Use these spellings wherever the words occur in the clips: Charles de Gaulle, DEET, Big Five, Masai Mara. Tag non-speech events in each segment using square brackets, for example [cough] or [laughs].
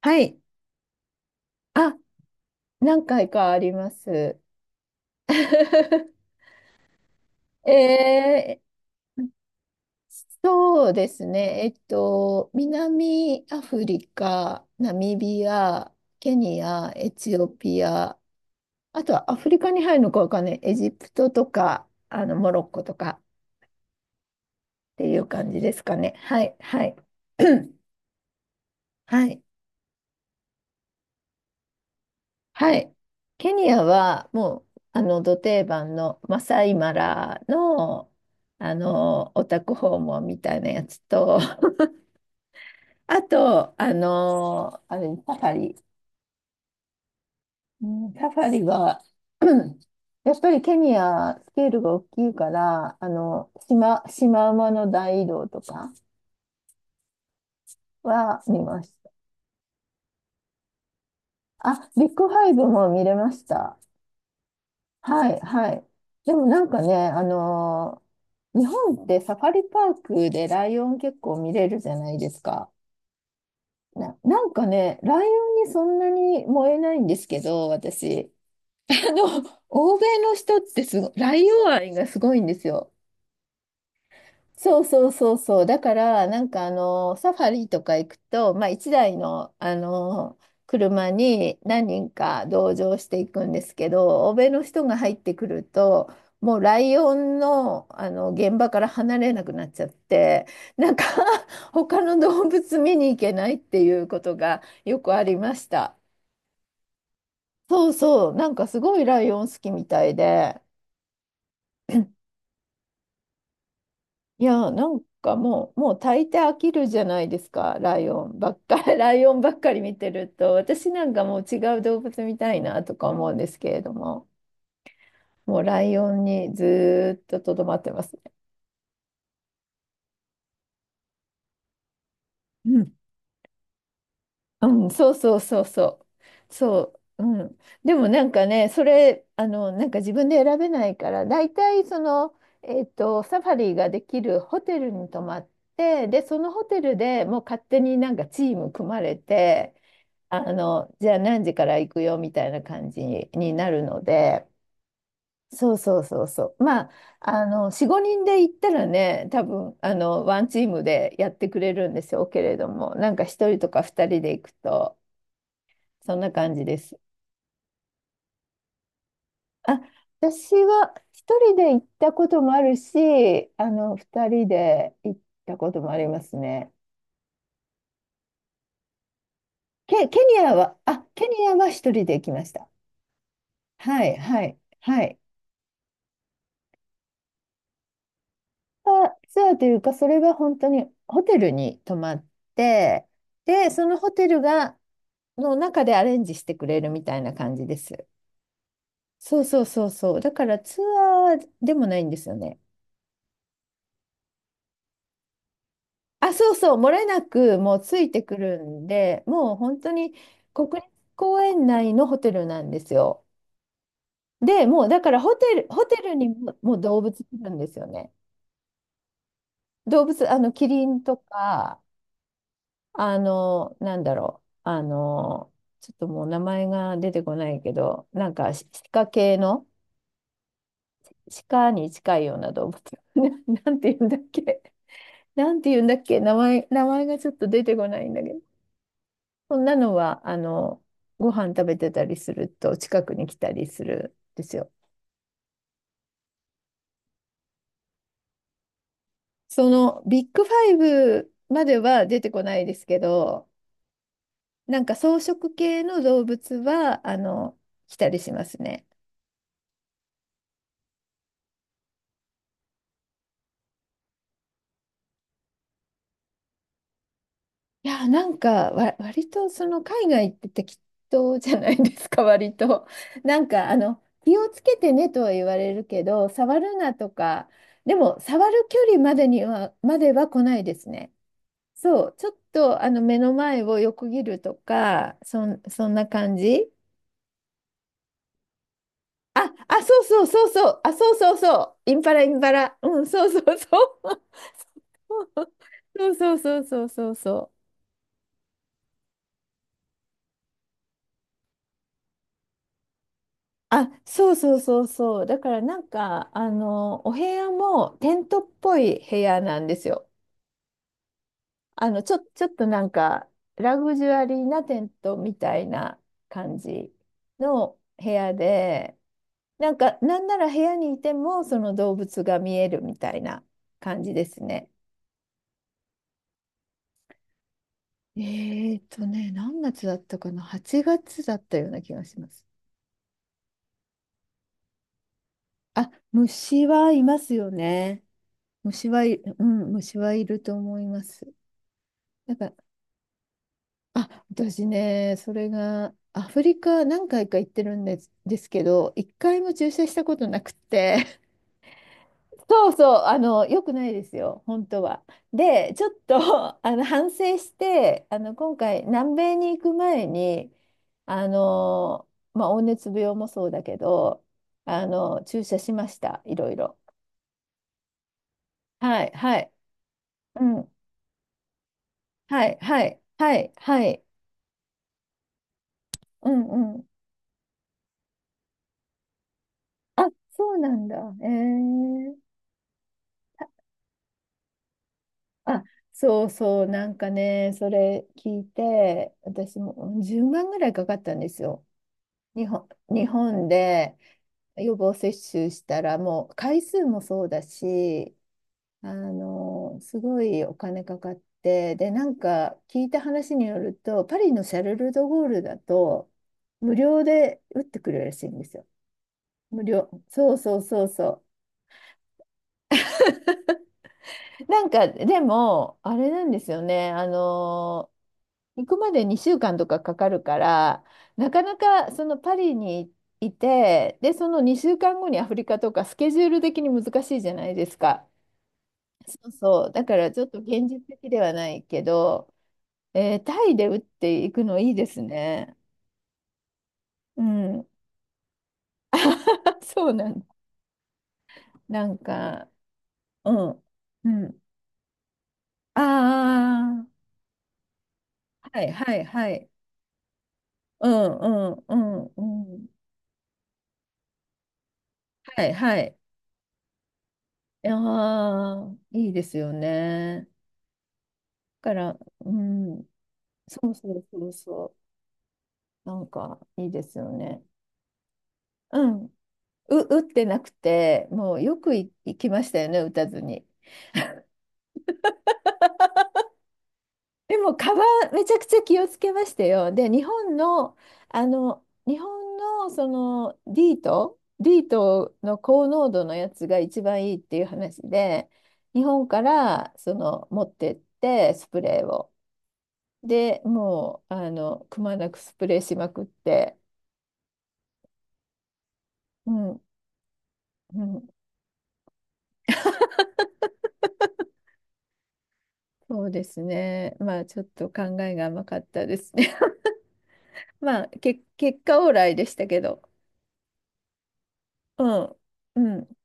はい。あ、何回かあります。[laughs] えー南アフリカ、ナミビア、ケニア、エチオピア、あとはアフリカに入るのかわかんない。エジプトとか、モロッコとかっていう感じですかね。はい、はい。[clears throat] はい。はい。ケニアはもう、ど定番のマサイマラの、オタク訪問みたいなやつと、[laughs] あと、あの、あれ、サファリ。うんサファリは、[clears throat] やっぱりケニア、スケールが大きいから、シマウマの大移動とかは見ました。あ、ビッグファイブも見れました。はい、はい。でもなんかね、日本ってサファリパークでライオン結構見れるじゃないですか。なんかね、ライオンにそんなに燃えないんですけど、私。[laughs] あの、欧米の人ってすご、ライオン愛がすごいんですよ。そうそうそうそう。だから、サファリとか行くと、まあ一台の、車に何人か同乗していくんですけど、欧米の人が入ってくると、もうライオンの、あの現場から離れなくなっちゃって、なんか [laughs] 他の動物見に行けないっていうことがよくありました。そうそう、なんかすごいライオン好きみたいで。いや、なんかもう大抵飽きるじゃないですか、ライオンばっかり、[laughs] ライオンばっかり見てると、私なんかもう違う動物見たいなとか思うんですけれども、もうライオンにずーっととどまってますね。うん、そうそうそうそう。そう、うん。でもなんかね、それ、あの、なんか自分で選べないから、大体その、えっと、サファリができるホテルに泊まって、で、そのホテルでもう勝手になんかチーム組まれて、じゃあ何時から行くよみたいな感じになるので、そうそうそうそう。まあ、4、5人で行ったらね、多分、ワンチームでやってくれるんでしょうけれども、なんか1人とか2人で行くと、そんな感じです。あ、私は一人で行ったこともあるし、二人で行ったこともありますね。ケニアは、あ、ケニアは一人で行きました。はい、はい、はい。あツアーというか、それは本当にホテルに泊まって、で、そのホテルが、の中でアレンジしてくれるみたいな感じです。そうそうそうそう。だからツアーでもないんですよね。あ、そうそう、漏れなくもうついてくるんで、もう本当に国立公園内のホテルなんですよ。で、もうだからホテルにも、もう動物来るんですよね。動物、キリンとか、あの、なんだろう、あの、ちょっともう名前が出てこないけど、なんか鹿系の、鹿に近いような動物。[laughs] な、なんて言うんだっけ。なんて言うんだっけ。名前がちょっと出てこないんだけど。そんなのは、ご飯食べてたりすると近くに来たりするんですよ。そのビッグファイブまでは出てこないですけど、なんか草食系の動物は、来たりしますね。いや、なんか割とその海外って適当じゃないですか、[laughs] 割と。気をつけてねとは言われるけど、触るなとか、でも、触る距離までには、までは来ないですね。そう、ちょっとあの目の前を横切るとか、そんな感じそうそうそうそう、そうそうそう、インパラインパラ、うん、そうそうそう。そうそうそうそうそうそう。あ、そうそうそうそう。だからお部屋もテントっぽい部屋なんですよ。ちょっとなんか、ラグジュアリーなテントみたいな感じの部屋で、なんか、なんなら部屋にいても、その動物が見えるみたいな感じですね。えーとね、何月だったかな？ 8 月だったような気がします。あ、虫はいますよね。虫はい、うん、虫はいると思います。だからあ、私ね、それが、アフリカ何回か行ってるんです、ですけど、一回も注射したことなくて、[laughs] そうそう、あの、よくないですよ、本当は。で、ちょっと、[laughs] あの、反省して、あの、今回、南米に行く前に、あの、黄熱病もそうだけど、あの、注射しました、いろいろ。はい、はい、うん、はい、はい、はい、はい、うん、うん。あ、そうなんだ。えーあ、そうそう、なんかね、それ聞いて、私も10万ぐらいかかったんですよ。日本で予防接種したら、もう回数もそうだし、すごいお金かかって、で、なんか聞いた話によると、パリのシャルル・ドゴールだと、無料で打ってくれるらしいんですよ。無料。そうそうそうそう。なんか、でも、あれなんですよね。あの行くまで2週間とかかかるから、なかなかそのパリにいて、で、その2週間後にアフリカとかスケジュール的に難しいじゃないですか。そうそう。だからちょっと現実的ではないけど、えータイで打っていくのいいですね。うん。[laughs] そうなんだ。なんか、うん。うん。ああ、はいはいはい。うんうんうんうん。はいはい。ああ、いいですよね。から、うん、そうそうそうそう、なんかいいですよね。うん、う、打ってなくて、もうよくい行きましたよね、打たずに。でも、カバン、めちゃくちゃ気をつけましたよ。で、日本のその D とートディートの高濃度のやつが一番いいっていう話で、日本からその持ってって、スプレーを。で、もう、あの、くまなくスプレーしまくって、うん。うんそうですね。まあちょっと考えが甘かったですね。[laughs] まあ結果オーライでしたけど、うん、うん、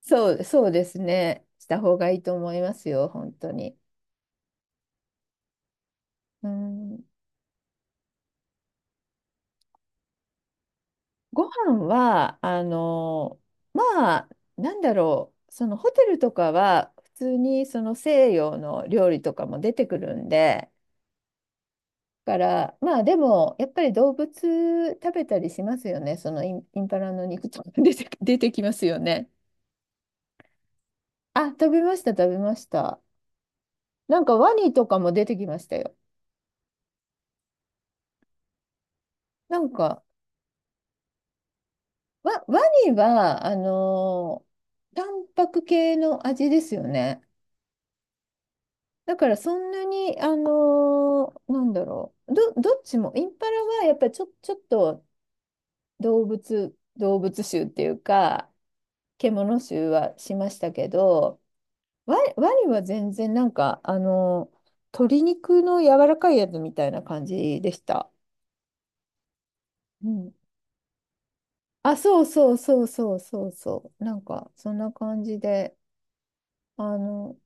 そうですね。した方がいいと思いますよ、本当に。うん、ご飯は、まあ、そのホテルとかは普通にその西洋の料理とかも出てくるんで、から、まあでも、やっぱり動物食べたりしますよね。そのインパラの肉とか出て、[laughs] 出てきますよね。あ、食べました、食べました。なんかワニとかも出てきましたよ。なんか、ワニは、あのータンパク系の味ですよね。だからそんなに、あのーなんだろう。どっちも、インパラはやっぱりちょっと動物臭っていうか、獣臭はしましたけど、ワニは全然なんか、あのー鶏肉の柔らかいやつみたいな感じでした。うんあ、そうそうそうそうそうそう。なんか、そんな感じで、あの、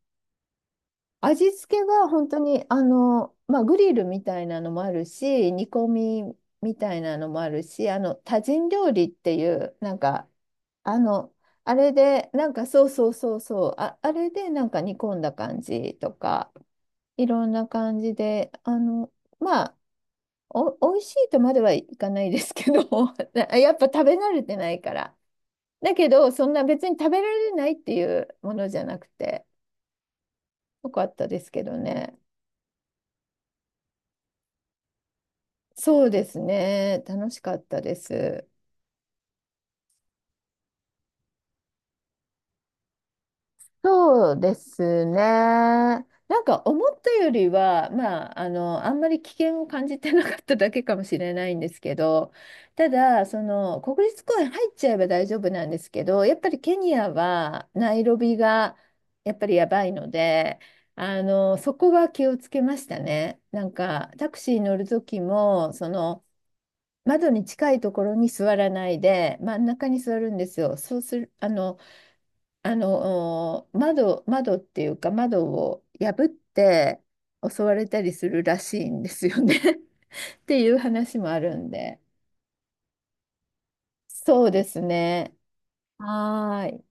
味付けが本当に、グリルみたいなのもあるし、煮込みみたいなのもあるし、あの、多人料理っていう、なんか、あの、あれで、なんか、そうそうそうそう、あ、あれで、なんか煮込んだ感じとか、いろんな感じで、あの、まあ、美味しいとまではいかないですけど、[laughs] やっぱ食べ慣れてないから。だけど、そんな別に食べられないっていうものじゃなくて、よかったですけどね。そうですね。楽しかったです。そうですね。なんか思ったよりは、あんまり危険を感じてなかっただけかもしれないんですけど、ただ、その、国立公園入っちゃえば大丈夫なんですけど、やっぱりケニアはナイロビがやっぱりやばいので、あの、そこは気をつけましたね。なんか、タクシー乗る時も、その、窓に近いところに座らないで、真ん中に座るんですよ。そうする、あの、窓っていうか、窓を破って襲われたりするらしいんですよね [laughs] っていう話もあるんで。そうですね。はーい。